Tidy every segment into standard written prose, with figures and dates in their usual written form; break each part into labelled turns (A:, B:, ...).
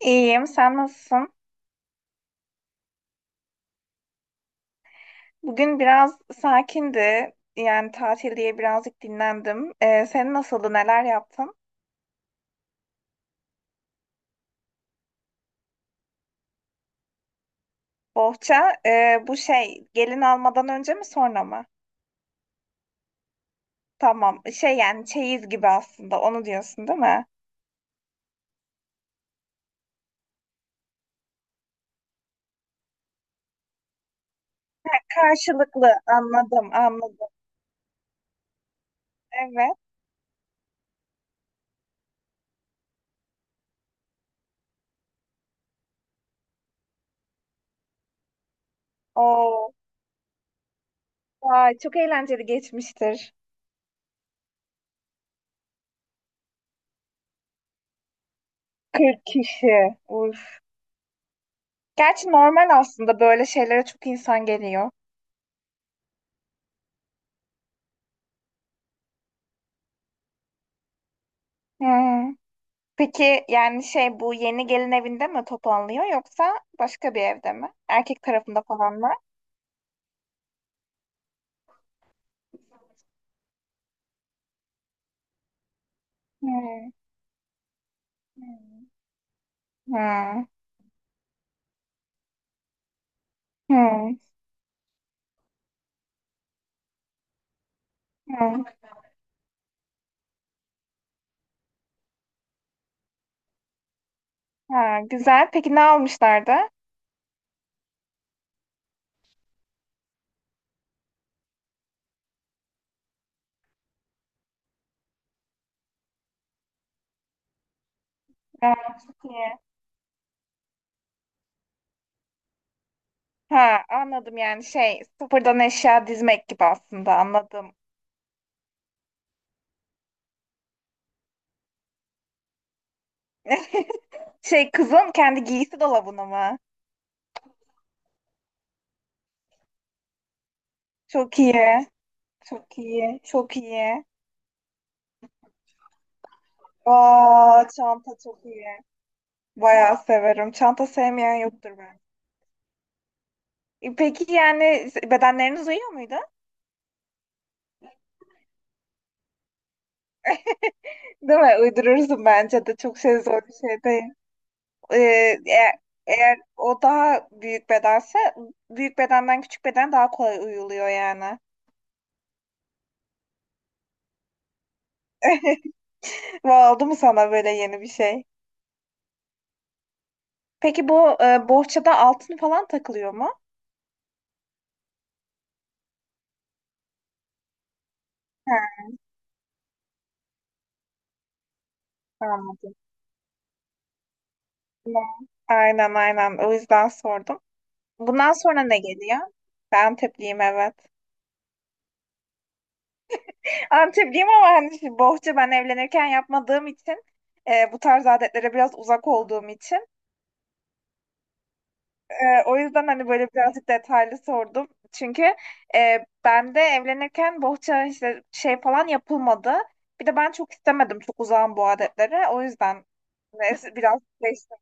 A: İyiyim, sen nasılsın? Bugün biraz sakindi. Yani tatil diye birazcık dinlendim. Senin nasıldı, neler yaptın? Bohça, bu şey gelin almadan önce mi sonra mı? Tamam, şey yani çeyiz gibi aslında onu diyorsun değil mi? Karşılıklı anladım, anladım. Evet. Oo, vay, çok eğlenceli geçmiştir. 40 kişi. Uf. Gerçi normal aslında böyle şeylere çok insan geliyor. Hı. Peki yani şey bu yeni gelin evinde mi toplanılıyor yoksa başka bir evde mi? Erkek tarafında falan mı? Hmm. Hmm. Hmm. Hmm. Hmm. Ha, güzel. Peki ne almışlardı? Aa, çok iyi. Ha, anladım yani şey sıfırdan eşya dizmek gibi aslında anladım. Şey kızın kendi giysi dolabını mı? Çok iyi. Çok iyi. Çok iyi. Aa, çanta çok iyi. Bayağı severim. Çanta sevmeyen yoktur. Peki yani bedenleriniz uyuyor muydu? Değil mi? Uydurursun bence de. Çok şey zor bir şey değil. Ee, eğer, eğer o daha büyük bedense, büyük bedenden küçük beden daha kolay uyuluyor yani. Vay, oldu mu sana böyle yeni bir şey? Peki bu bohçada altın falan takılıyor mu? He, tamam. Aynen aynen. O yüzden sordum. Bundan sonra ne geliyor? Ben Antepliyim, evet. Antepliyim ama hani şimdi bohça ben evlenirken yapmadığım için bu tarz adetlere biraz uzak olduğum için, o yüzden hani böyle birazcık detaylı sordum. Çünkü ben de evlenirken bohça işte şey falan yapılmadı. Bir de ben çok istemedim, çok uzağım bu adetlere. O yüzden neyse, biraz değişti.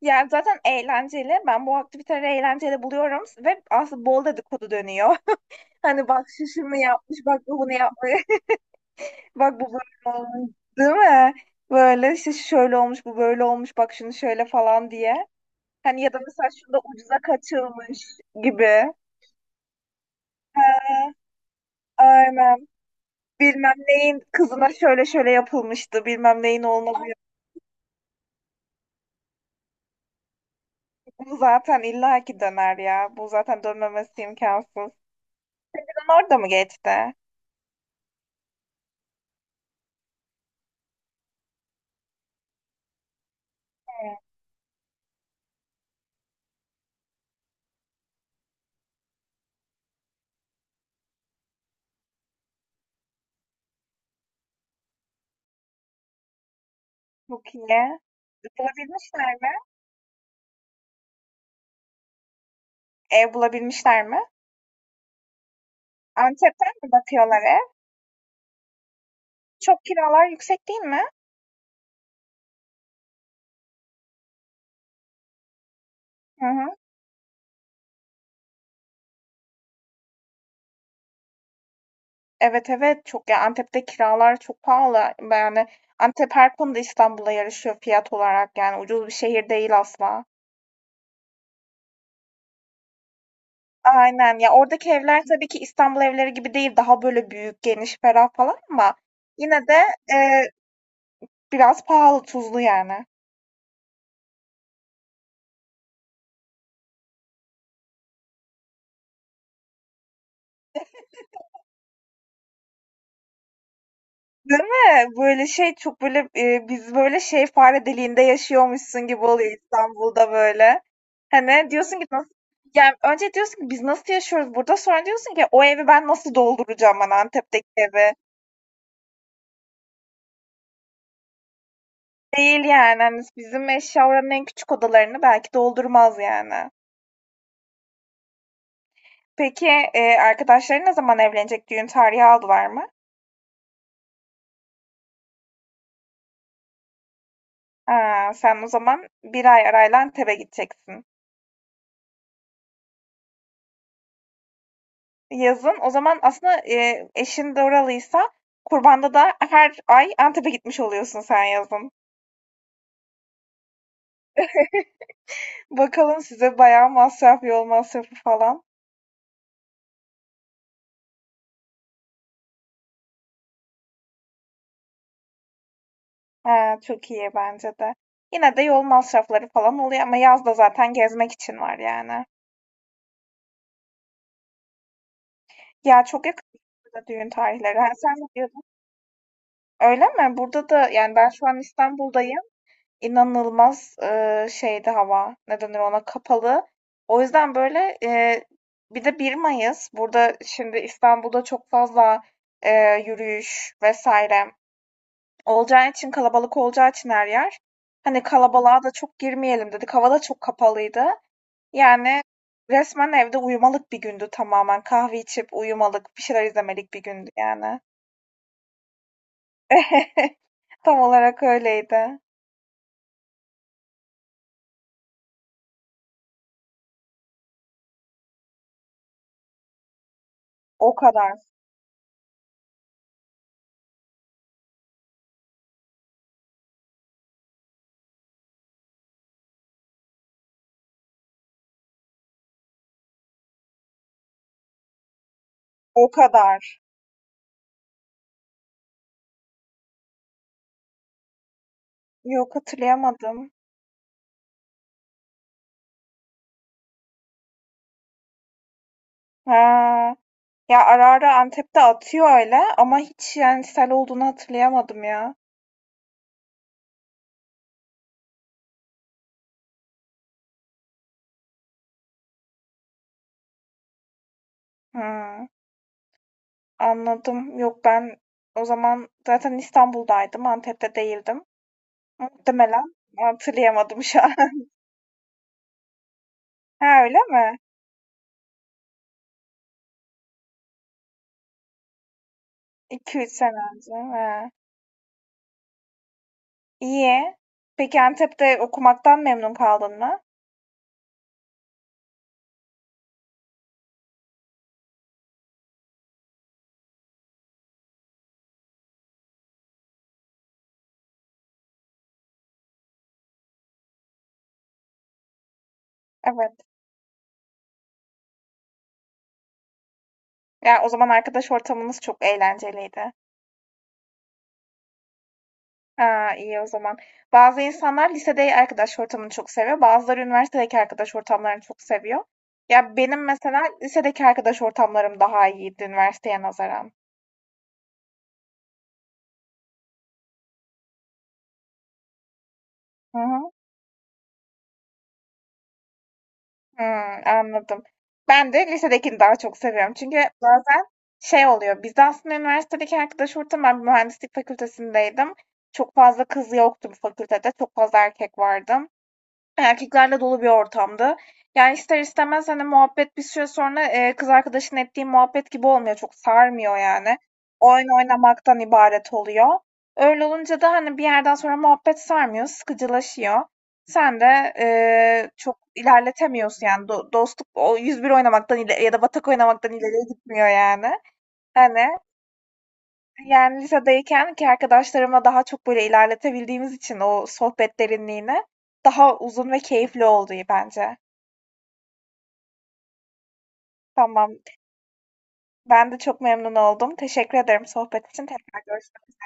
A: Yani zaten eğlenceli. Ben bu aktiviteleri eğlenceli buluyorum ve aslında bol dedikodu dönüyor. Hani bak şu şunu yapmış, bak bu bunu yapmış. Bak bu böyle olmuş, değil mi? Böyle işte şöyle olmuş, bu böyle olmuş, bak şunu şöyle falan diye. Hani ya da mesela şurada ucuza kaçılmış gibi. Aynen. Bilmem neyin kızına şöyle şöyle yapılmıştı. Bilmem neyin oğluna bu yapıldı. Bu zaten illaki döner ya. Bu zaten dönmemesi imkansız. Sizin orada mı geçti? Evet. Çok iyi. Bulabilmişler mi? Ev bulabilmişler mi? Antep'ten mi bakıyorlar ev? Çok kiralar yüksek değil mi? Hı hı. Evet, evet, çok ya, Antep'te kiralar çok pahalı. Yani Antep her konuda İstanbul'a yarışıyor fiyat olarak, yani ucuz bir şehir değil asla. Aynen ya, oradaki evler tabii ki İstanbul evleri gibi değil, daha böyle büyük, geniş, ferah falan ama yine de e, biraz pahalı, tuzlu yani. Değil mi? Böyle şey çok böyle, biz böyle şey fare deliğinde yaşıyormuşsun gibi oluyor İstanbul'da böyle. Hani diyorsun ki nasıl yani, önce diyorsun ki biz nasıl yaşıyoruz burada? Sonra diyorsun ki o evi ben nasıl dolduracağım, ben Antep'teki evi? Değil yani, hani bizim eşya oranın en küçük odalarını belki doldurmaz yani. Peki, arkadaşların ne zaman evlenecek? Düğün tarihi aldılar mı? Ha, sen o zaman bir ay arayla Antep'e gideceksin. Yazın. O zaman aslında, eşin de oralıysa, kurbanda da her ay Antep'e gitmiş oluyorsun sen yazın. Bakalım, size bayağı masraf, yol masrafı falan. Ha, çok iyi bence de. Yine de yol masrafları falan oluyor ama yaz da zaten gezmek için var yani. Ya çok yakın burada düğün tarihleri. Ha, sen ne diyordun? Öyle mi? Burada da yani, ben şu an İstanbul'dayım. İnanılmaz şeydi hava, ne denir ona, kapalı. O yüzden, böyle, bir de bir Mayıs, burada şimdi İstanbul'da çok fazla, yürüyüş vesaire olacağı için, kalabalık olacağı için her yer, hani, kalabalığa da çok girmeyelim dedik. Hava da çok kapalıydı. Yani resmen evde uyumalık bir gündü tamamen. Kahve içip uyumalık, bir şeyler izlemelik bir gündü yani. Tam olarak öyleydi. O kadar, o kadar. Yok, hatırlayamadım. Ha, ya ara ara Antep'te atıyor öyle ama hiç yani sel olduğunu hatırlayamadım ya. Hı, anladım. Yok, ben o zaman zaten İstanbul'daydım. Antep'te değildim. Muhtemelen hatırlayamadım şu an. Ha, öyle mi? 2 üç sene önce. He. İyi. Peki Antep'te okumaktan memnun kaldın mı? Evet. Ya o zaman arkadaş ortamınız çok eğlenceliydi. Ha, iyi o zaman. Bazı insanlar lisede arkadaş ortamını çok seviyor. Bazıları üniversitedeki arkadaş ortamlarını çok seviyor. Ya benim mesela lisedeki arkadaş ortamlarım daha iyiydi üniversiteye nazaran. Hı hı. Hmm, anladım. Ben de lisedekini daha çok seviyorum. Çünkü bazen şey oluyor. Bizde aslında üniversitedeki arkadaş ortamı, ben bir mühendislik fakültesindeydim. Çok fazla kız yoktu bu fakültede. Çok fazla erkek vardı. Erkeklerle dolu bir ortamdı. Yani, ister istemez, hani, muhabbet bir süre sonra, kız arkadaşın ettiğin muhabbet gibi olmuyor. Çok sarmıyor yani. Oyun oynamaktan ibaret oluyor. Öyle olunca da, hani, bir yerden sonra muhabbet sarmıyor, sıkıcılaşıyor. Sen de, çok ilerletemiyorsun yani dostluk o 101 oynamaktan ile ya da Batak oynamaktan ileriye gitmiyor yani. Hani yani lisedeyken ki arkadaşlarımla daha çok böyle ilerletebildiğimiz için o sohbet derinliğini daha uzun ve keyifli oldu bence. Tamam. Ben de çok memnun oldum. Teşekkür ederim sohbet için. Tekrar görüşürüz.